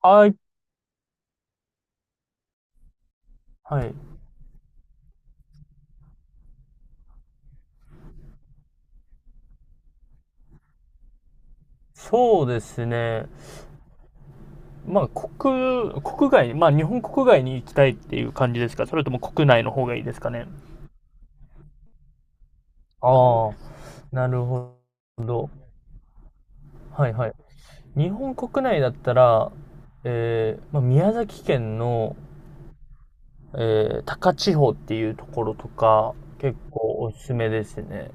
はい。はい。そうですね。まあ、国、国外、まあ、日本国外に行きたいっていう感じですか？それとも国内の方がいいですかね？ああ、なるほど。はいはい。日本国内だったら、まあ、宮崎県の、高千穂っていうところとか、結構おすすめですね。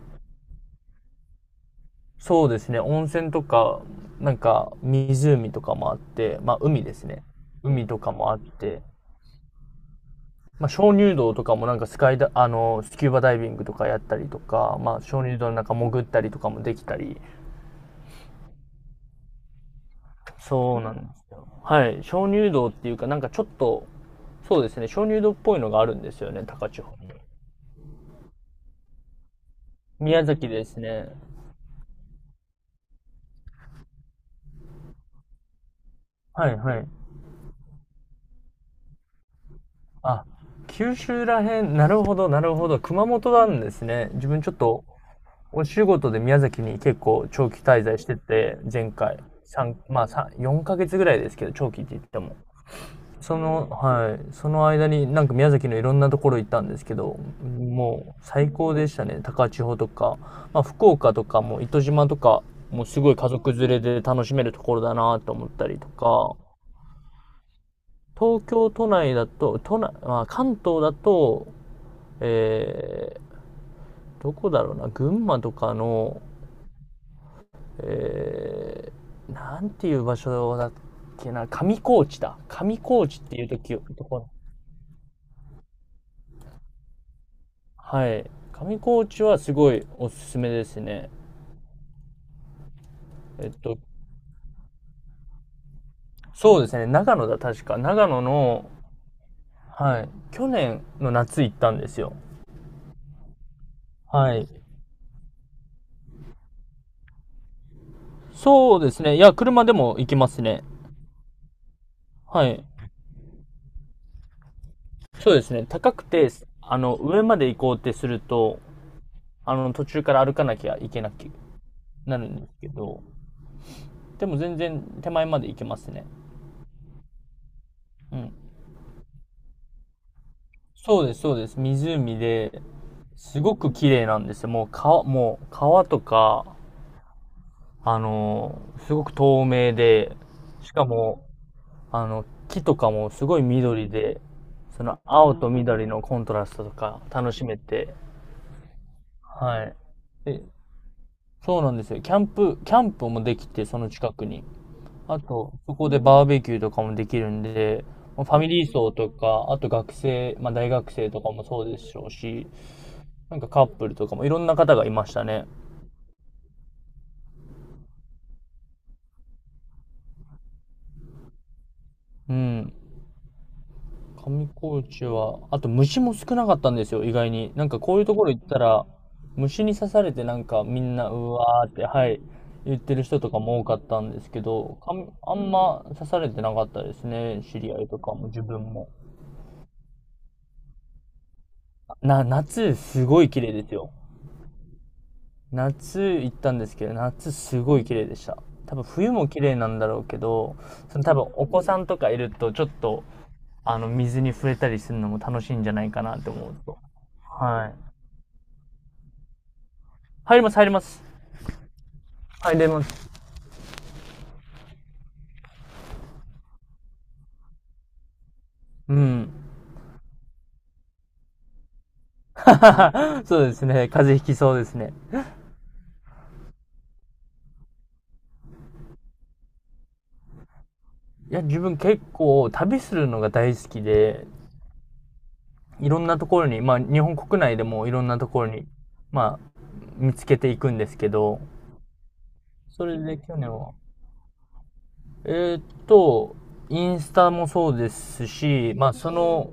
そうですね。温泉とか、なんか湖とかもあって、まあ海ですね。海とかもあって、まあ、鍾乳洞とかもなんかスカイダあのスキューバダイビングとかやったりとか、まあ、鍾乳洞の中潜ったりとかもできたり。そうなんですよ。はい、鍾乳洞っていうかなんかちょっと、そうですね、鍾乳洞っぽいのがあるんですよね、高千穂に。宮崎ですね。はいはい。あ、九州らへん、なるほどなるほど。熊本なんですね。自分ちょっとお仕事で宮崎に結構長期滞在してて、前回三まあ3 4ヶ月ぐらいですけど、長期って言っても、はい、その間になんか宮崎のいろんなところ行ったんですけど、もう最高でしたね。高千穂とか、まあ、福岡とかも糸島とか、もうすごい家族連れで楽しめるところだなと思ったりとか、東京都内だと、都内、まあ、関東だと、えどこだろうな、群馬とかの、えなんていう場所だっけな、上高地だ。上高地っていうところ。はい。上高地はすごいおすすめですね。えっと、そうですね。長野だ、確か。長野の、はい。去年の夏行ったんですよ。はい。そうですね。いや、車でも行きますね。はい。そうですね。高くて、上まで行こうってすると、途中から歩かなきゃいけなきゃなるんですけど、でも全然手前まで行けますね。うん。そうです、そうです。湖で、すごく綺麗なんですよ。もう川とか、あの、すごく透明で、しかも、木とかもすごい緑で、その青と緑のコントラストとか楽しめて、はい。で、そうなんですよ。キャンプもできて、その近くに。あと、そこでバーベキューとかもできるんで、まあファミリー層とか、あと学生、まあ大学生とかもそうでしょうし、なんかカップルとかもいろんな方がいましたね。うん。上高地は、あと虫も少なかったんですよ、意外に。なんかこういうところ行ったら、虫に刺されてなんかみんな、うわーって、はい、言ってる人とかも多かったんですけど、あんま刺されてなかったですね、知り合いとかも自分も。夏すごい綺麗ですよ。夏行ったんですけど、夏すごい綺麗でした。多分冬も綺麗なんだろうけど、その多分お子さんとかいるとちょっと、水に触れたりするのも楽しいんじゃないかなって思うと。はい。入ります、入ります。入れます。うん。そうですね。風邪ひきそうですね。いや、自分結構旅するのが大好きで、いろんなところに、まあ日本国内でもいろんなところに、まあ見つけていくんですけど、それで去年は。えーっと、インスタもそうですし、まあその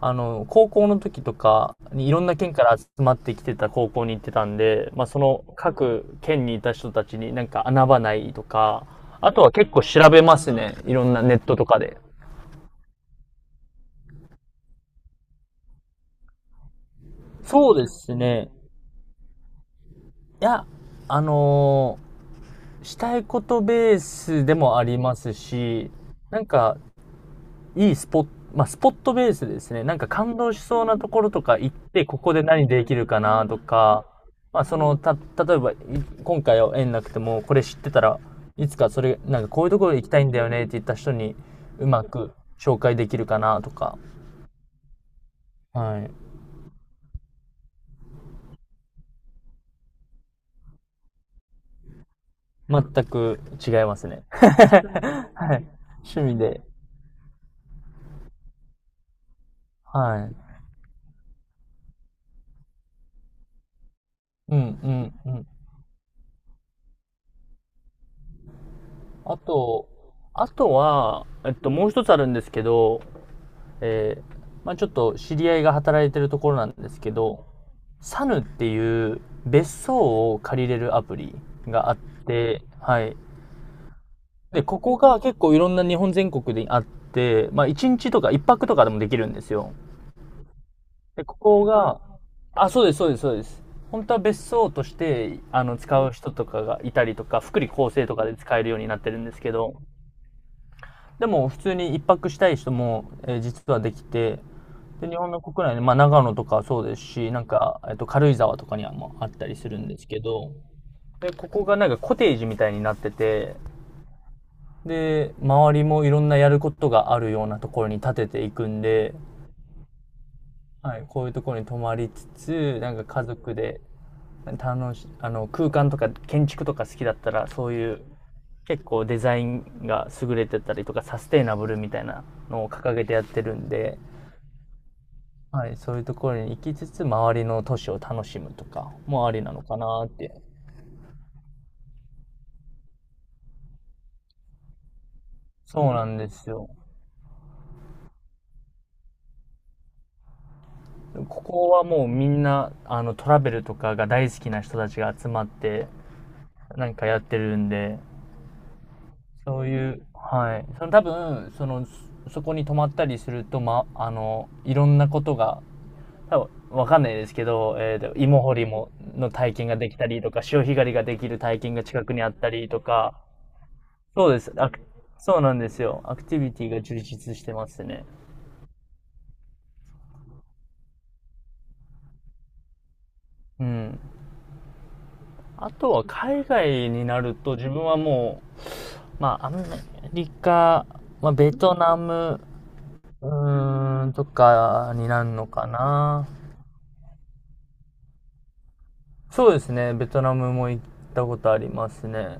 高校の時とかにいろんな県から集まってきてた高校に行ってたんで、まあその各県にいた人たちになんか穴場ないとか、あとは結構調べますね。いろんなネットとかで。そうですね。いや、あのーしたいことベースでもありますし、なんかいいスポット、まあ、スポットベースでですね、なんか感動しそうなところとか行って、ここで何できるかなとか、まあ、例えば、今回は縁なくても、これ知ってたら、いつかそれ、なんかこういうところ行きたいんだよねって言った人に、うまく紹介できるかなとか、はい。全く違いますね。はい。趣味で、はい。うん、うん、うん。あと、あとは、もう一つあるんですけど、えーまあ、ちょっと知り合いが働いてるところなんですけど、サヌっていう別荘を借りれるアプリがあって、はい。で、ここが結構いろんな日本全国であって、まあ、1日とか1泊とかでもできるんですよ。で、ここが、あ、そうです、そうです、そうです。本当は別荘として、使う人とかがいたりとか、福利厚生とかで使えるようになってるんですけど、でも普通に一泊したい人も、実はできて、で、日本の国内で、まあ、長野とかそうですし、なんか、軽井沢とかにはもあったりするんですけど、で、ここがなんかコテージみたいになってて、で、周りもいろんなやることがあるようなところに建てていくんで、はい、こういうところに泊まりつつ、なんか家族で、楽し、あの、空間とか建築とか好きだったら、そういう、結構デザインが優れてたりとか、サステイナブルみたいなのを掲げてやってるんで、はい、そういうところに行きつつ、周りの都市を楽しむとかもありなのかなって。そうなんですよ。ここはもうみんな、トラベルとかが大好きな人たちが集まって、なんかやってるんで、そういう、はい。その多分、その、そこに泊まったりすると、ま、あの、いろんなことが、多分、わかんないですけど、芋掘りも、の体験ができたりとか、潮干狩りができる体験が近くにあったりとか、そうです。そうなんですよ。アクティビティが充実してますね。うん。あとは海外になると自分はもう、まあ、アメリカ、まあ、ベトナム、とかになるのかな。そうですね。ベトナムも行ったことありますね。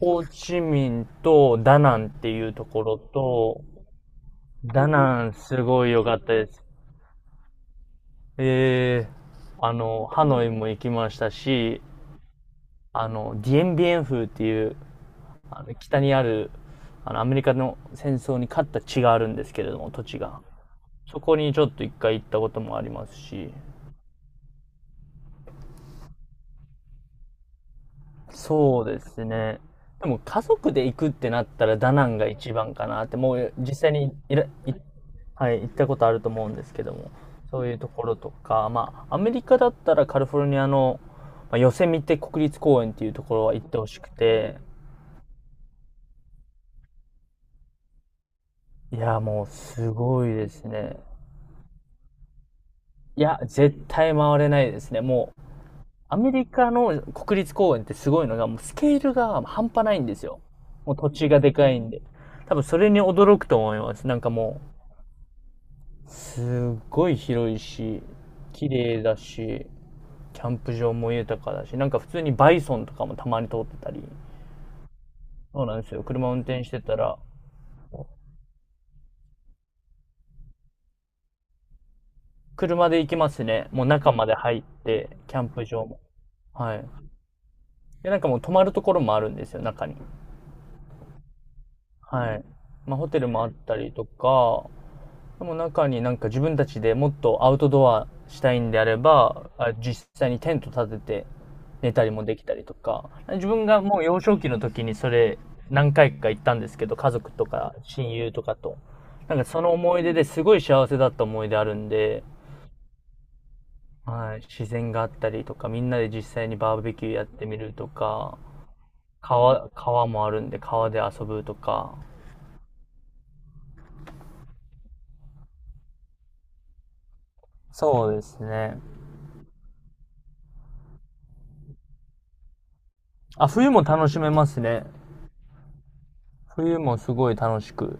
ホーチミンとダナンっていうところと、ダナンすごい良かったです。ええ、ハノイも行きましたし、ディエンビエン風っていう、北にある、アメリカの戦争に勝った地があるんですけれども、土地が。そこにちょっと一回行ったこともありますし、そうですね。でも家族で行くってなったらダナンが一番かなって、もう実際にいら、い、はい、行ったことあると思うんですけども、そういうところとか、まあ、アメリカだったらカリフォルニアの、まあ、ヨセミテ国立公園っていうところは行ってほしくて、いや、もうすごいですね。いや、絶対回れないですね。もう、アメリカの国立公園ってすごいのが、もうスケールが半端ないんですよ。もう土地がでかいんで。多分それに驚くと思います。なんかもう、すっごい広いし、綺麗だし、キャンプ場も豊かだし、なんか普通にバイソンとかもたまに通ってたり。そうなんですよ。車運転してたら、車で行きますね。もう中まで入って、キャンプ場も。はい。で、なんかもう泊まるところもあるんですよ、中に。はい。まあ、ホテルもあったりとか、でも中になんか自分たちでもっとアウトドアしたいんであれば、あ、実際にテント立てて寝たりもできたりとか、自分がもう幼少期の時にそれ何回か行ったんですけど、家族とか親友とかと。なんかその思い出ですごい幸せだった思い出あるんで、はい、自然があったりとか、みんなで実際にバーベキューやってみるとか、川もあるんで川で遊ぶとか。そうですね。あ、冬も楽しめますね。冬もすごい楽しく